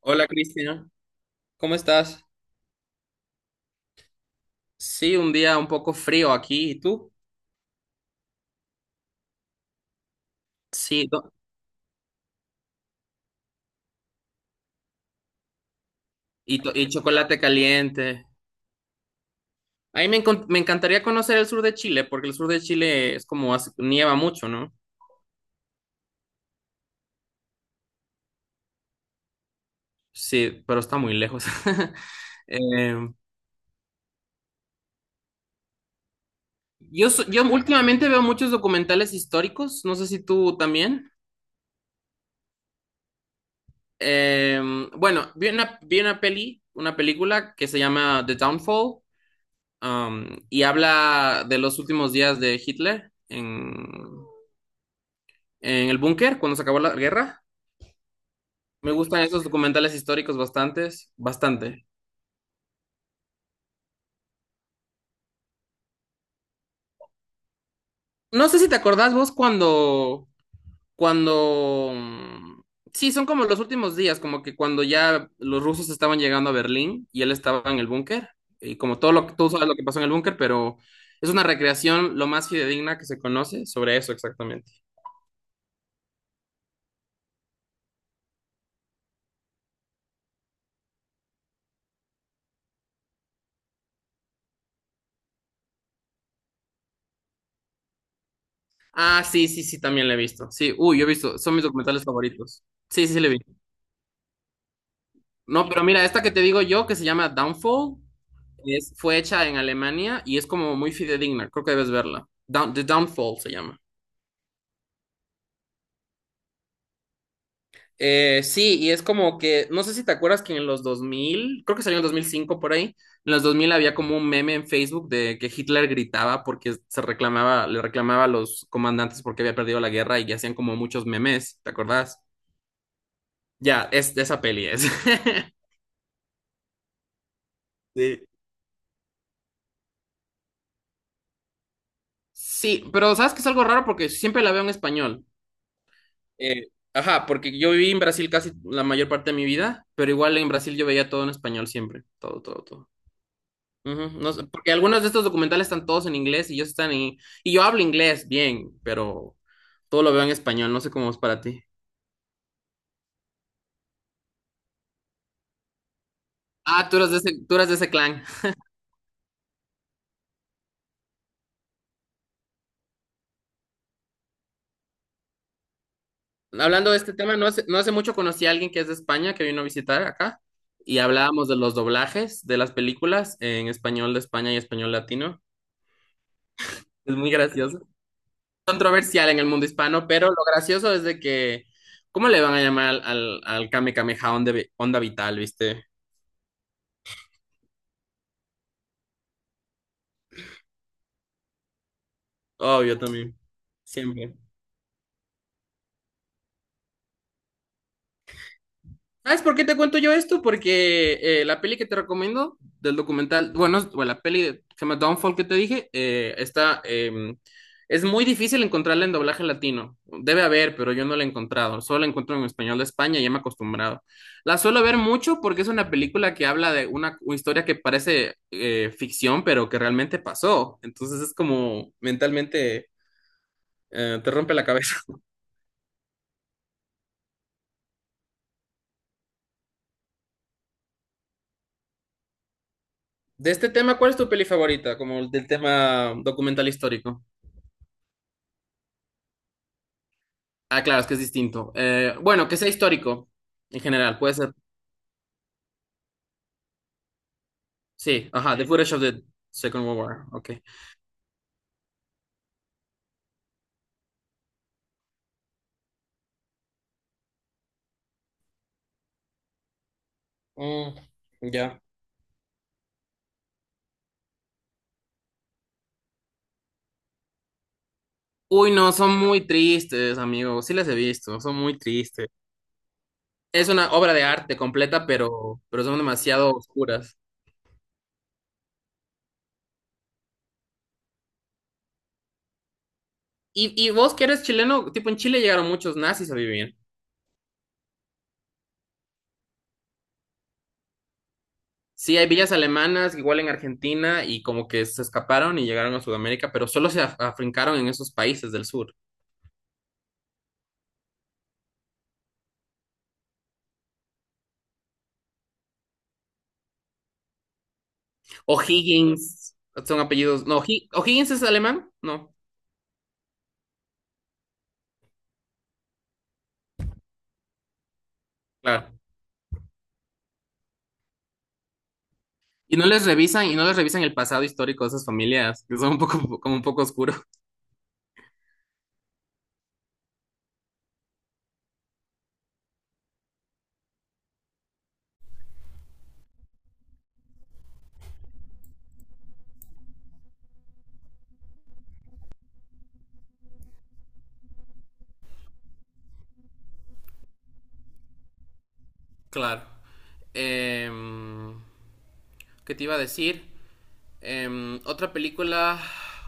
Hola Cristian, ¿cómo estás? Sí, un día un poco frío aquí, ¿y tú? Sí, y chocolate caliente. A mí me encantaría conocer el sur de Chile, porque el sur de Chile es como nieva mucho, ¿no? Sí, pero está muy lejos. Eh, yo últimamente veo muchos documentales históricos, no sé si tú también. Eh, bueno, vi una peli, una película que se llama The Downfall. Y habla de los últimos días de Hitler en el búnker, cuando se acabó la guerra. Me gustan esos documentales históricos bastantes, bastante. No sé si te acordás vos cuando, cuando, mm, sí, son como los últimos días, como que cuando ya los rusos estaban llegando a Berlín y él estaba en el búnker, y como todo lo que tú sabes lo que pasó en el búnker, pero es una recreación lo más fidedigna que se conoce sobre eso exactamente. Ah, sí, sí, sí, también la he visto. Sí, uy, yo he visto, son mis documentales favoritos. Sí, sí, sí, la he visto. No, pero mira, esta que te digo yo, que se llama Downfall, es, fue hecha en Alemania y es como muy fidedigna, creo que debes verla. The Downfall se llama. Sí, y es como que, no sé si te acuerdas que en los 2000, creo que salió en 2005 por ahí, en los 2000 había como un meme en Facebook de que Hitler gritaba porque se reclamaba, le reclamaba a los comandantes porque había perdido la guerra y hacían como muchos memes, ¿te acordás? Ya, es de esa peli es. Sí. Sí, pero sabes que es algo raro porque siempre la veo en español. Eh, ajá, porque yo viví en Brasil casi la mayor parte de mi vida, pero igual en Brasil yo veía todo en español siempre, todo, todo, todo. Ujú, no sé, porque algunos de estos documentales están todos en inglés y ellos están en... Y yo hablo inglés bien, pero todo lo veo en español, no sé cómo es para ti. Ah, tú eres de ese clan. Hablando de este tema, no hace mucho conocí a alguien que es de España, que vino a visitar acá, y hablábamos de los doblajes de las películas en español de España y español latino. Es muy gracioso. Controversial en el mundo hispano, pero lo gracioso es de que, ¿cómo le van a llamar al, al Kame Kameha Onda, Onda Vital, viste? Obvio también, siempre. ¿Sabes por qué te cuento yo esto? Porque la peli que te recomiendo del documental, bueno, bueno, la peli que se llama Downfall que te dije, está, es muy difícil encontrarla en doblaje latino. Debe haber, pero yo no la he encontrado. Solo la encuentro en español de España y ya me he acostumbrado. La suelo ver mucho porque es una película que habla de una historia que parece ficción, pero que realmente pasó. Entonces es como mentalmente te rompe la cabeza. De este tema, ¿cuál es tu peli favorita? Como el del tema documental histórico. Ah, claro, es que es distinto. Bueno, que sea histórico en general, puede ser. Sí, ajá, The Footage of the Second World War, ok. Mm, ya. Uy, no, son muy tristes, amigo. Sí las he visto, son muy tristes. Es una obra de arte completa, pero son demasiado oscuras. Y vos que eres chileno, tipo en Chile llegaron muchos nazis a vivir. Sí, hay villas alemanas, igual en Argentina, y como que se escaparon y llegaron a Sudamérica, pero solo se afrincaron en esos países del sur. O'Higgins, son apellidos. No, O'Higgins es alemán, no, claro. Y no les revisan el pasado histórico de esas familias, que son un poco, como un poco oscuro. Claro. Em, ¿Qué te iba a decir? Otra película,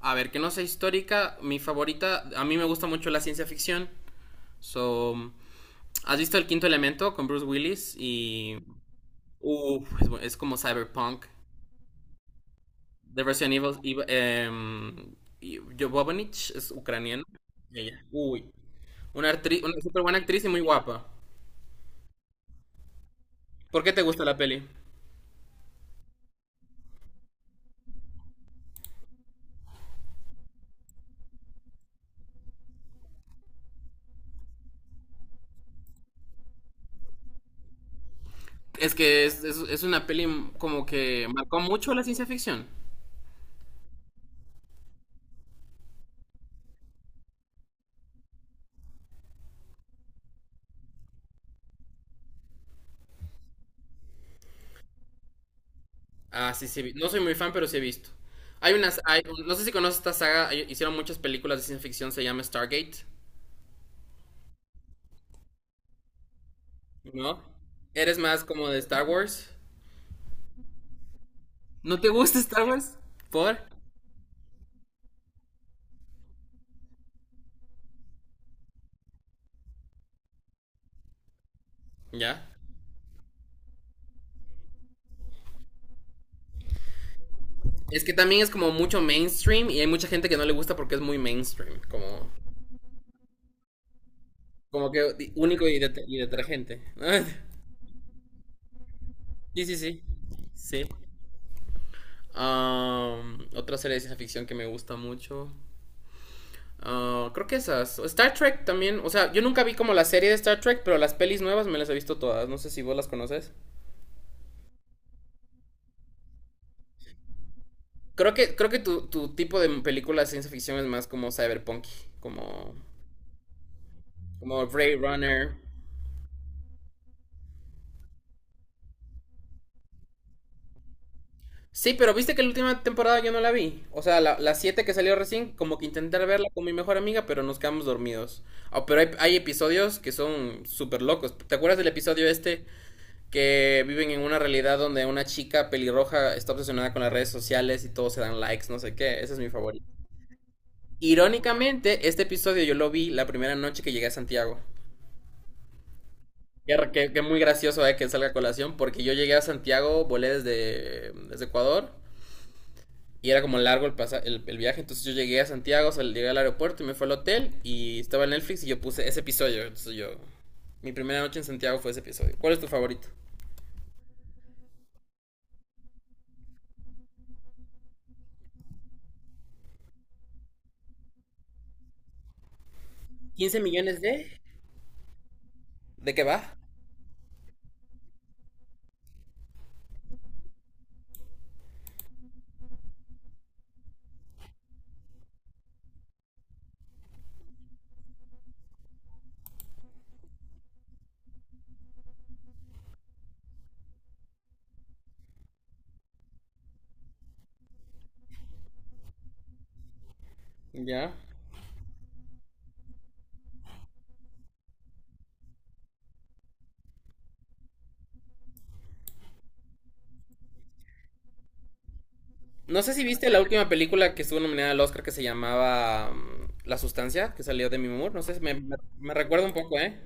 a ver, que no sea histórica, mi favorita, a mí me gusta mucho la ciencia ficción. So, ¿has visto El Quinto Elemento con Bruce Willis? Y, uf, es como cyberpunk. De Resident Evil, y Jovovich es ucraniano. Ella. Uy. Una súper buena actriz y muy guapa. ¿Por qué te gusta la peli? Es que es una peli como que marcó mucho la ciencia ficción. Ah, sí, sí. No soy muy fan, pero sí he visto. No sé si conoces esta saga, hicieron muchas películas de ciencia ficción, se llama Stargate, ¿no? ¿Eres más como de Star Wars? ¿No te gusta Star Wars? ¿Por? ¿Ya? Es que también es como mucho mainstream y hay mucha gente que no le gusta porque es muy mainstream, como que único y, y detergente. Sí, sí, sí. Sí. Otra serie de ciencia ficción que me gusta mucho. Ah, creo que esas. Star Trek también. O sea, yo nunca vi como la serie de Star Trek, pero las pelis nuevas me las he visto todas. No sé si vos las conoces. Creo que tu tipo de película de ciencia ficción es más como cyberpunk, como, como Blade Runner. Sí, pero viste que la última temporada yo no la vi. O sea, la 7 que salió recién, como que intenté verla con mi mejor amiga, pero nos quedamos dormidos. Ah, pero hay episodios que son súper locos. ¿Te acuerdas del episodio este que viven en una realidad donde una chica pelirroja está obsesionada con las redes sociales y todos se dan likes, no sé qué? Ese es mi favorito. Irónicamente, este episodio yo lo vi la primera noche que llegué a Santiago. Que muy gracioso que salga a colación, porque yo llegué a Santiago, volé desde Ecuador. Y era como largo el, pasa el viaje, entonces yo llegué a Santiago, o sea, llegué al aeropuerto y me fue al hotel y estaba en Netflix y yo puse ese episodio. Entonces mi primera noche en Santiago fue ese episodio. ¿Cuál es tu favorito? 15 millones de... ¿De qué va? Ya. No sé si viste la última película que estuvo nominada al Oscar que se llamaba La Sustancia, que salió de mi humor. No sé, me recuerda un poco, ¿eh?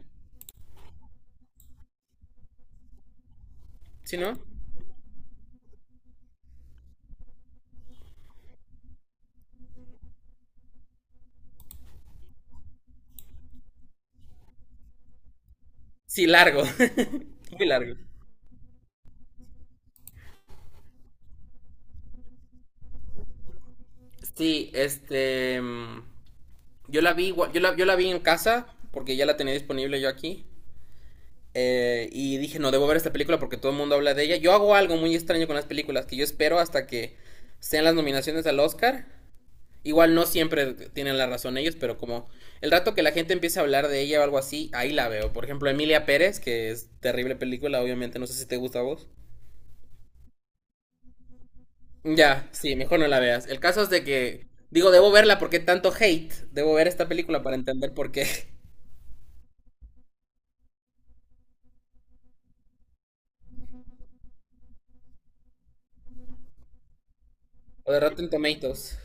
¿Sí, no? Sí, largo. Muy largo. Sí, este, yo la vi, yo la vi en casa porque ya la tenía disponible yo aquí. Y dije, no debo ver esta película porque todo el mundo habla de ella. Yo hago algo muy extraño con las películas, que yo espero hasta que sean las nominaciones al Oscar. Igual no siempre tienen la razón ellos, pero como el rato que la gente empiece a hablar de ella o algo así, ahí la veo. Por ejemplo, Emilia Pérez, que es terrible película, obviamente, no sé si te gusta a vos. Ya, sí, mejor no la veas. El caso es de que, digo, debo verla porque tanto hate, debo ver esta película para entender por qué. O de Rotten Tomatoes.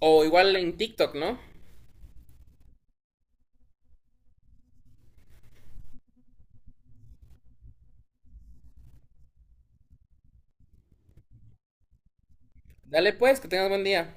O igual en TikTok, ¿no? Dale pues, que tengas buen día.